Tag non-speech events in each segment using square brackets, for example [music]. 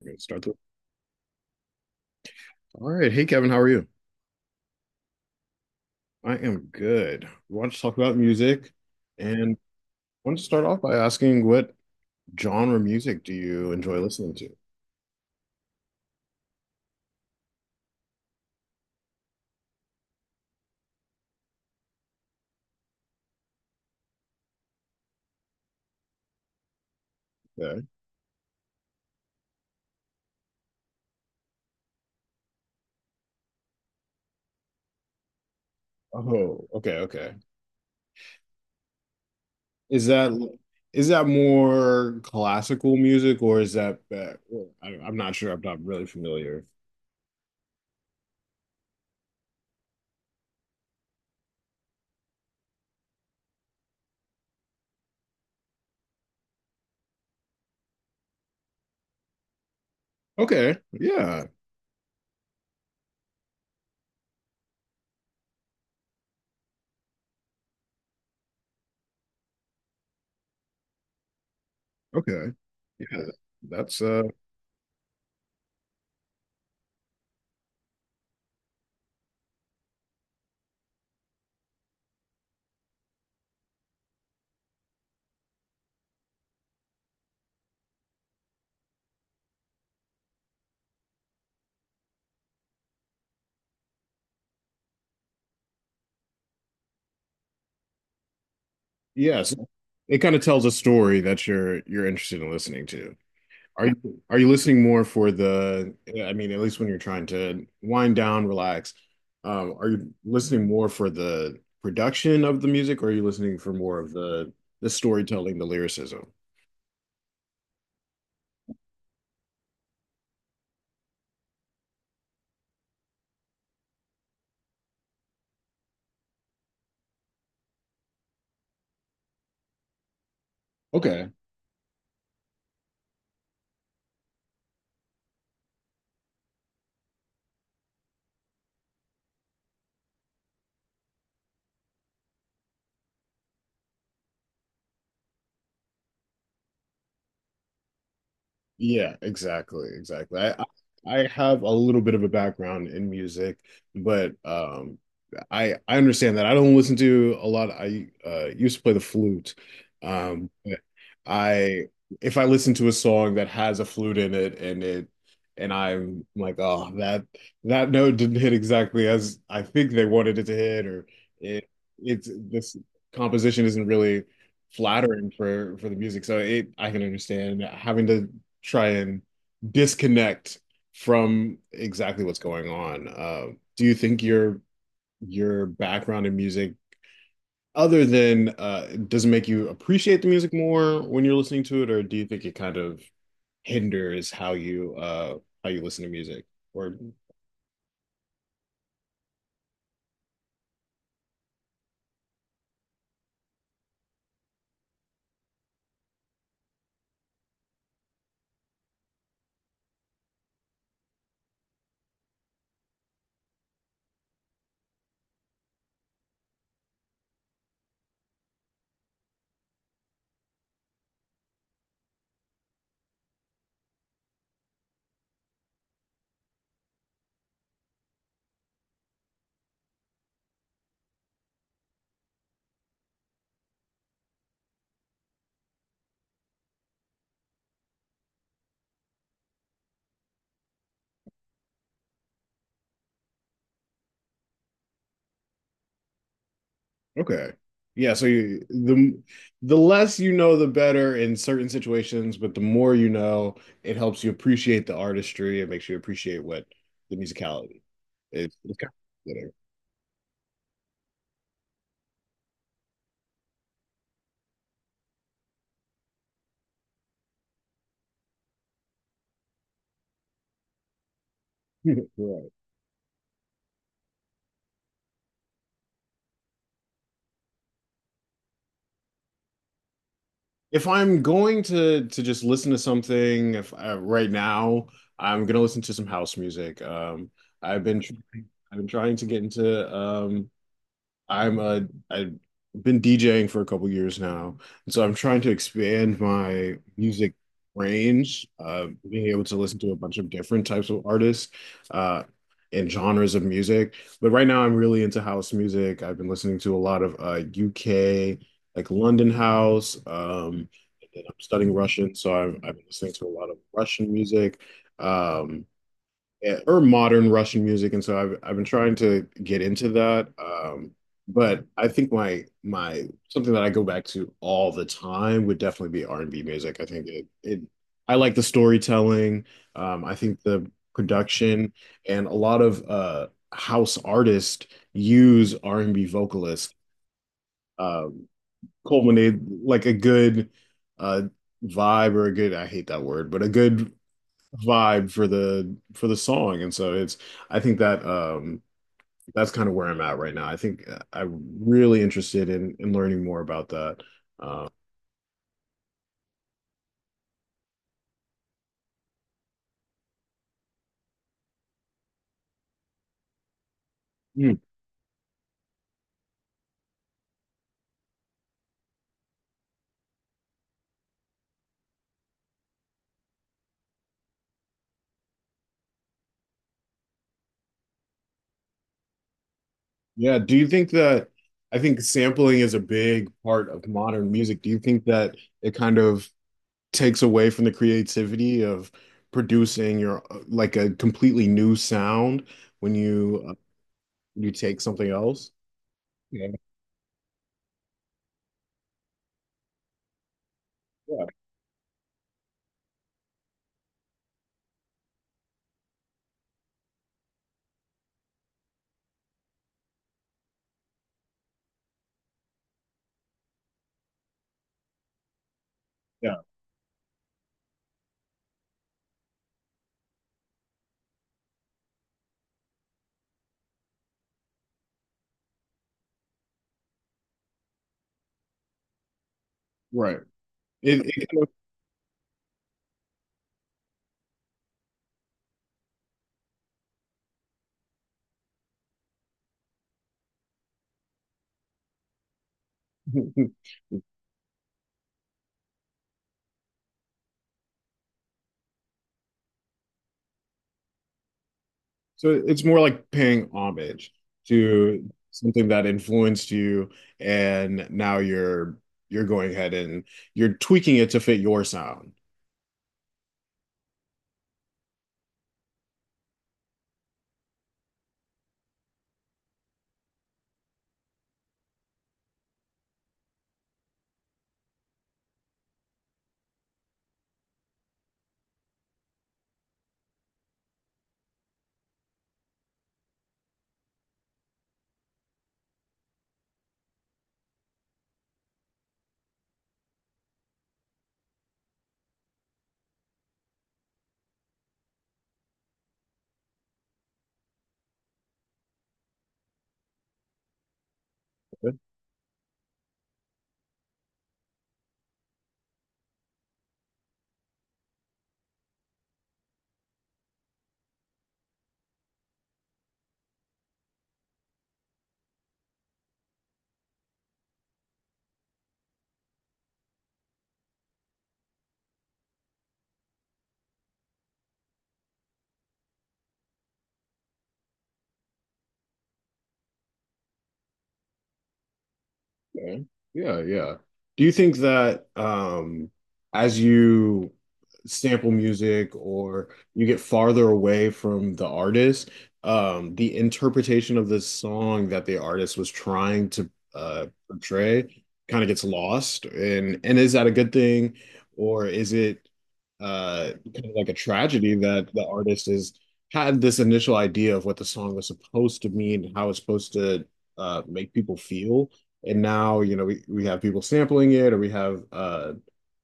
We're gonna start the. All right. Hey, Kevin, how are you? I am good. We want to talk about music and want to start off by asking what genre music do you enjoy listening to? Okay. Oh, okay, okay. Is that is that more classical music or is that I'm not sure. I'm not really familiar. Okay. Yeah. Okay. Yeah. That's yes. It kind of tells a story that you're interested in listening to. Are you listening more for I mean, at least when you're trying to wind down, relax, are you listening more for the production of the music, or are you listening for more of the storytelling, the lyricism? Okay. Yeah, exactly, exactly. I have a little bit of a background in music, but I understand that I don't listen to a lot. I used to play the flute. But I if I listen to a song that has a flute in it and I'm like, oh, that note didn't hit exactly as I think they wanted it to hit, or it it's this composition isn't really flattering for the music, so it I can understand having to try and disconnect from exactly what's going on. Do you think your background in music, other than does it make you appreciate the music more when you're listening to it, or do you think it kind of hinders how you listen to music? Or okay, yeah. So you, the less you know, the better in certain situations, but the more you know, it helps you appreciate the artistry. It makes you appreciate what the musicality is. It's kind of [laughs] Right. If I'm going to just listen to something, if right now I'm gonna listen to some house music. I've been tr- I've been trying to get into I'm a I've been DJing for a couple years now, and so I'm trying to expand my music range, being able to listen to a bunch of different types of artists, uh, and genres of music. But right now, I'm really into house music. I've been listening to a lot of UK, like London house. And then I'm studying Russian, so I've been listening to a lot of Russian music. Um, yeah, or modern Russian music, and so I've been trying to get into that. But I think my my something that I go back to all the time would definitely be R&B music. I like the storytelling. I think the production and a lot of house artists use R&B vocalists, um, culminate like a good uh, vibe or a good, I hate that word, but a good vibe for the song. And so it's I think that that's kind of where I'm at right now. I think I'm really interested in learning more about that uh, mm. Yeah, do you think that, I think sampling is a big part of modern music. Do you think that it kind of takes away from the creativity of producing your like a completely new sound when you you take something else? Yeah, yeah, yeah, right, it [laughs] So it's more like paying homage to something that influenced you, and now you're going ahead and you're tweaking it to fit your sound. Okay. Yeah, yeah. Do you think that as you sample music or you get farther away from the artist, the interpretation of the song that the artist was trying to portray kind of gets lost? And is that a good thing, or is it kind of like a tragedy that the artist has had this initial idea of what the song was supposed to mean, how it's supposed to make people feel? And now, you know, we have people sampling it, or we have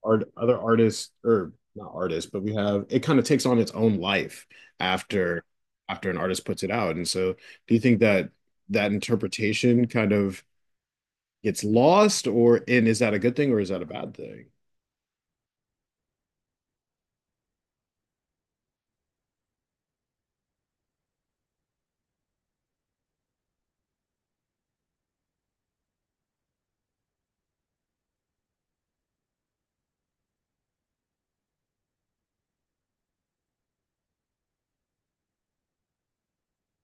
art other artists, or not artists, but we have, it kind of takes on its own life after an artist puts it out. And so do you think that that interpretation kind of gets lost? Or and is that a good thing or is that a bad thing?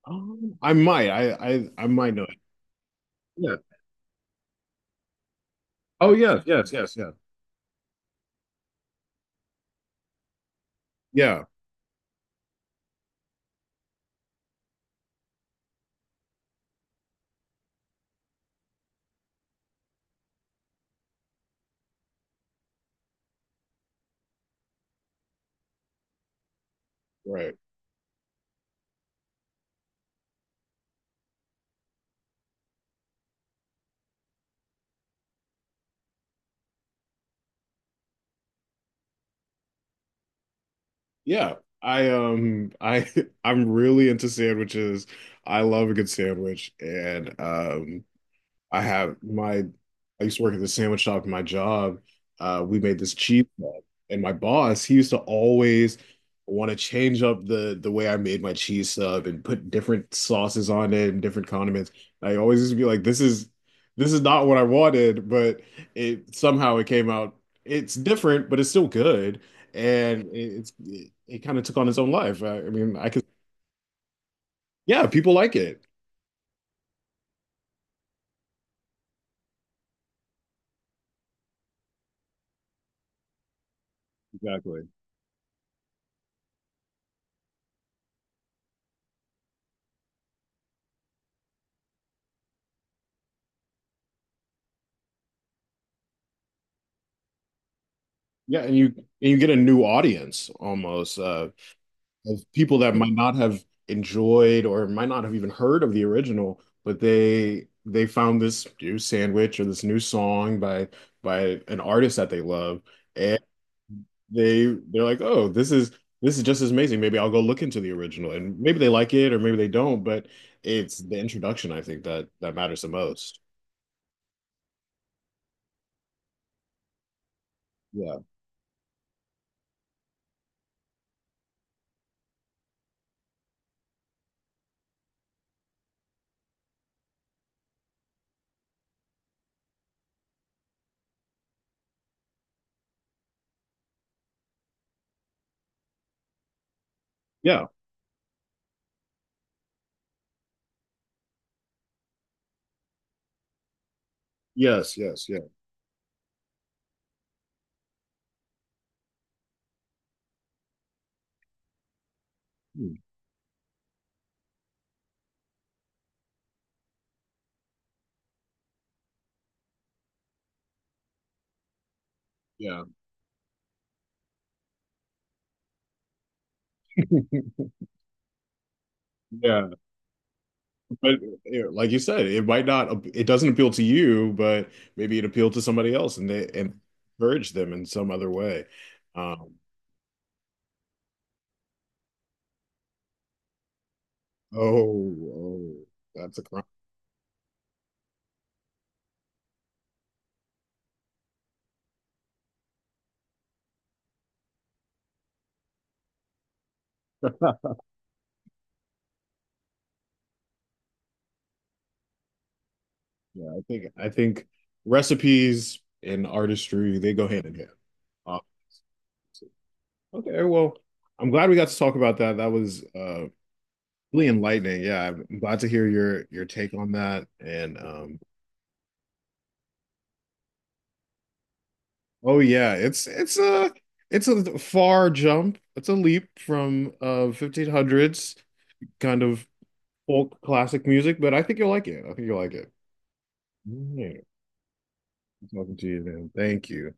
I I might know it. Yeah, oh yeah, yes, yes, yeah, yeah, right. Yeah, I [laughs] I'm really into sandwiches. I love a good sandwich, and I have my I used to work at the sandwich shop in my job. We made this cheese sub, and my boss, he used to always want to change up the way I made my cheese sub and put different sauces on it and different condiments. I always used to be like, this is, this is not what I wanted, but it somehow it came out. It's different, but it's still good, and it kind of took on its own life. I mean, I could, yeah, people like it. Exactly. Yeah, and you get a new audience almost. Of people that might not have enjoyed or might not have even heard of the original, but they found this new sandwich or this new song by an artist that they love, and they're like, oh, this is just as amazing. Maybe I'll go look into the original, and maybe they like it or maybe they don't, but it's the introduction, I think, that that matters the most. Yeah, yeah, yes, yes, yeah. Hmm. Yeah, [laughs] yeah. But you know, like you said, it might not, it doesn't appeal to you, but maybe it appealed to somebody else, and they and encouraged them in some other way. Um, oh, oh, that's a crime. Yeah, I think, I think recipes and artistry, they go hand in hand, obviously. Okay, well, I'm glad we got to talk about that. That was really enlightening. Yeah, I'm glad to hear your take on that. And oh yeah, it's a far jump. It's a leap from 1500s kind of folk classic music, but I think you'll like it. I think you'll like it. Yeah, talking to you, man. Thank you.